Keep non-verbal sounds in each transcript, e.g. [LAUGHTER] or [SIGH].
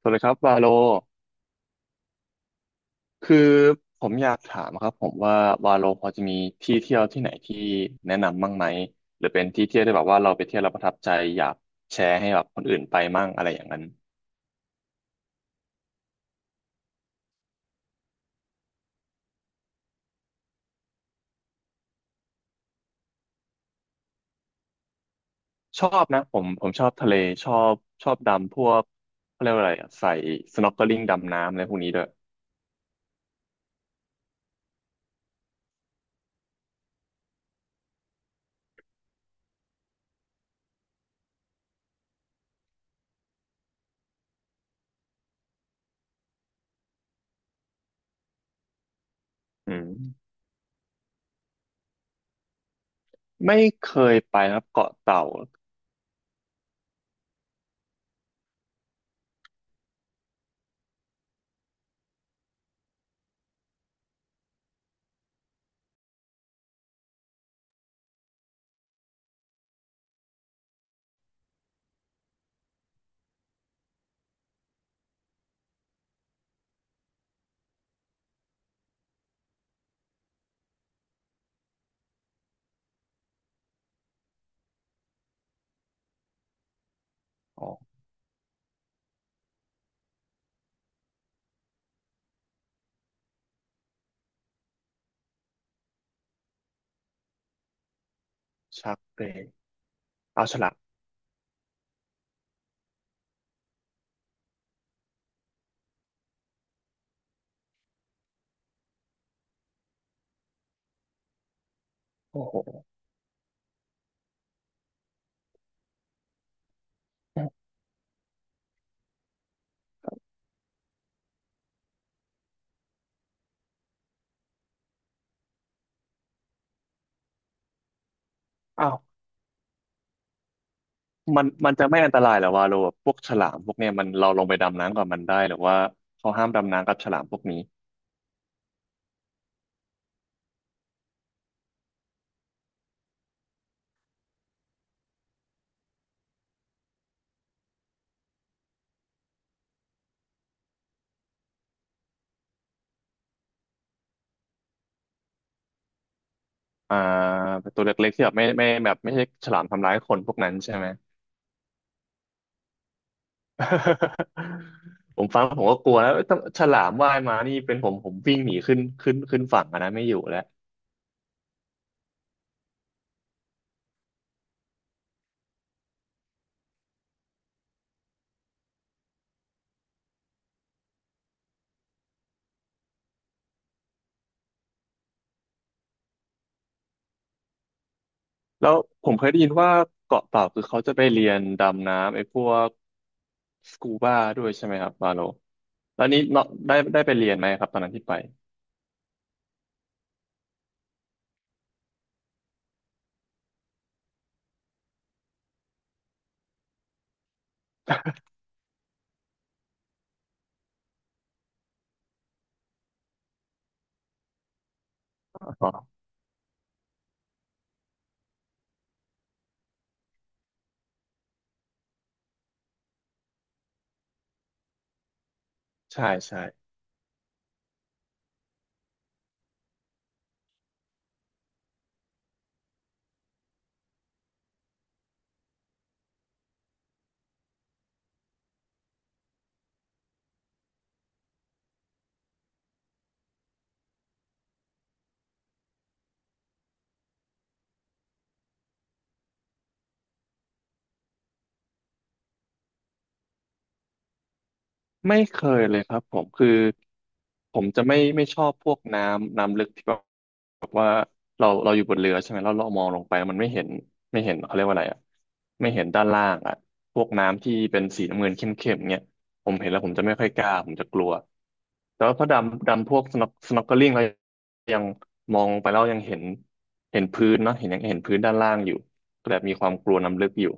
สวัสดีครับวาโลคือผมอยากถามครับผมว่าวาโลพอจะมีที่เที่ยวที่ไหนที่แนะนำบ้างไหมหรือเป็นที่เที่ยวที่แบบว่าเราไปเที่ยวเราประทับใจอยากแชร์ให้แบบคนอื่นไปมั่งอะไรอย่างนั้นชอบนะผมชอบทะเลชอบชอบดำพวกเขาเรียกว่าอะไรอะใส่ snorkeling ดำน้ำอะไรพวกนี้ด้วยอืมไม่เคยไปครับเกาะเต่าอ๋อชักเปรย์อ้าวฉลามโอ้โหอ้าว มันจะไม่อันตรายเหรอวาโลแบบพวกฉลามพวกเนี้ยมันเราลงไปดำน้ำกับมันได้หรือว่าเขาห้ามดำน้ำกับฉลามพวกนี้อ่าเป็นตัวเล็กๆที่แบบไม่แบบไม่ใช่ฉลามทำร้ายคนพวกนั้นใช่ไหม [LAUGHS] ผมฟังผมก็กลัวแล้วเอ้ยถ้าฉลามว่ายมานี่เป็นผมวิ่งหนีขึ้นฝั่งอะนะไม่อยู่แล้วแล้วผมเคยได้ยินว่าเกาะเต่าคือเขาจะไปเรียนดำน้ำไอ้พวกสกูบาด้วยใช่ไหมครับวาโลแล้วนี้เนาะได้ไปเรียนไหมครับตอนนั้นที่ไปอ๋อใช่ใช่ ไม่เคยเลยครับผมคือผมจะไม่ชอบพวกน้ำลึกที่แบบว่าเราอยู่บนเรือใช่ไหมแล้วเรามองลงไปมันไม่เห็นไม่เห็นเขาเรียกว่าอะไรอ่ะไม่เห็นด้านล่างอ่ะพวกน้ำที่เป็นสีน้ำเงินเข้มๆเงี้ยผมเห็นแล้วผมจะไม่ค่อยกล้าผมจะกลัวแต่ว่าพอดำดำพวกสน็อกเกิลิ่งเรายังมองลงไปแล้วยังเห็นเห็นพื้นเนาะเห็นยังเห็นพื้นด้านล่างอยู่ก็แบบมีความกลัวน้ำลึกอยู่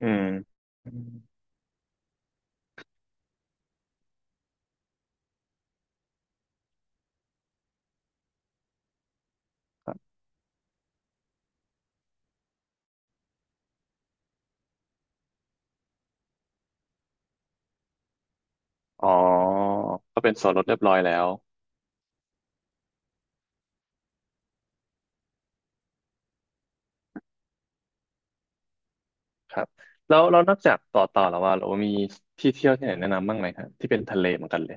อืมอือ๋อก็เป็นส่วนลดเรียบร้อยแล้ว ครับแล้วเรานอกจากต่อแล้วว่าเรามีที่เที่ยวที่ไหนแนะนำบ้างไหมครับที่เป็นทะเลเหมือนกันเลย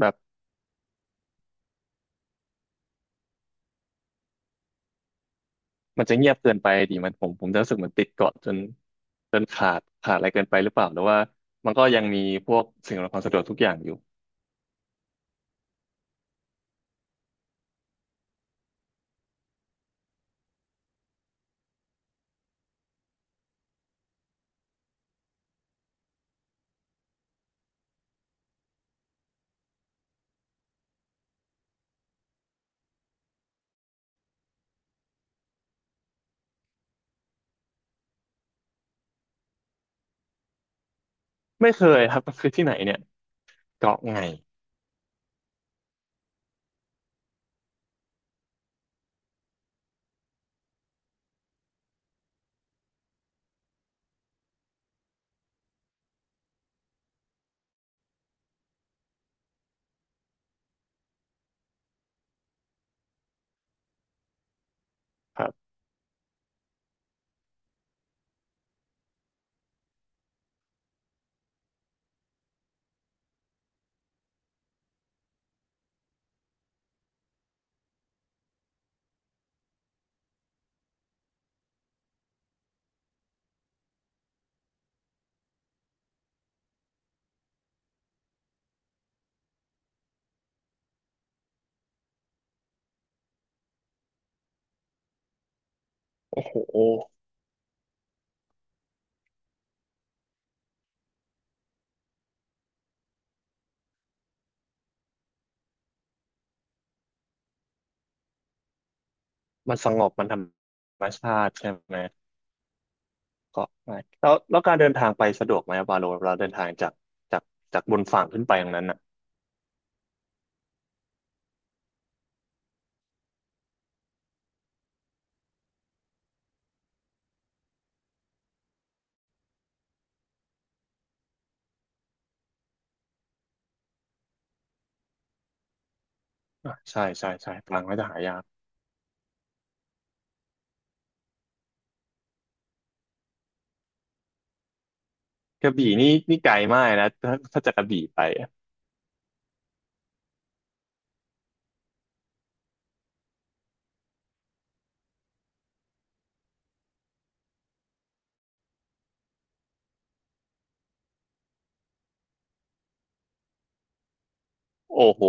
แบบมันจะเงียบเกินไปดิมันผมจะรู้สึกเหมือนติดเกาะจนขาดอะไรเกินไปหรือเปล่าหรือว่ามันก็ยังมีพวกสิ่งอำนวยความสะดวกทุกอย่างอยู่ไม่เคยครับมันคือที่ไหนเนี่ยเกาะไงครับโอ้โหมันสงบมันธรรมชาติใช่ไหมเกาะไงแล้วแล้วการเดินทางไปสะดวกไหมบาโลเราเดินทางจากจากจากบนฝั่งขึ้นไปตรงนั้นอ่ะอ่ะใช่ใช่ทางก็จะหายาก กระบี่นี่ไกลมากนะถ้าจากกระบี่ไปอะโอ้โห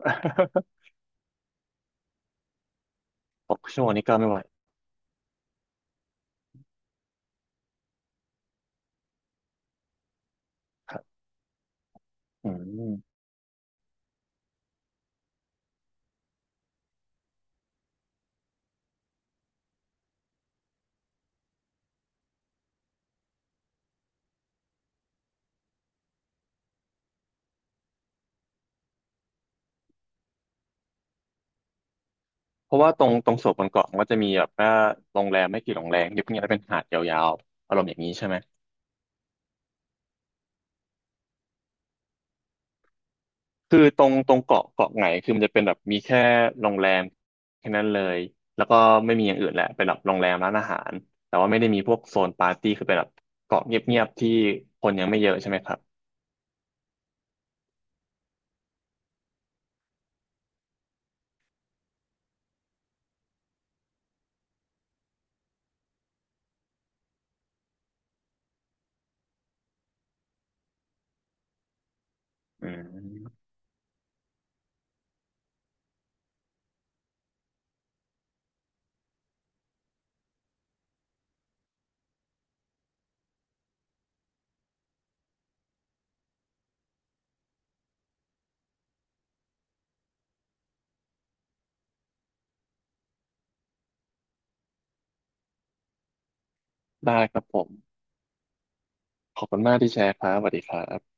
[LAUGHS] 6 ชั่วโมงนี่ก็ไม่ไหวครับอืมเพราะว่าตรงโซนบนเกาะมันก็จะมีแบบว่าโรงแรมไม่กี่โรงแรมเงียบๆแล้วเป็นหาดยาวๆอารมณ์อย่างนี้ใช่ไหมคือตรงเกาะไหนคือมันจะเป็นแบบมีแค่โรงแรมแค่นั้นเลยแล้วก็ไม่มีอย่างอื่นแหละเป็นแบบโรงแรมร้านอาหารแต่ว่าไม่ได้มีพวกโซนปาร์ตี้คือเป็นแบบเกาะเงียบๆที่คนยังไม่เยอะใช่ไหมครับอืมได้ครับผมขอบคุณมากที่แชร์ครับสวัสดีครับ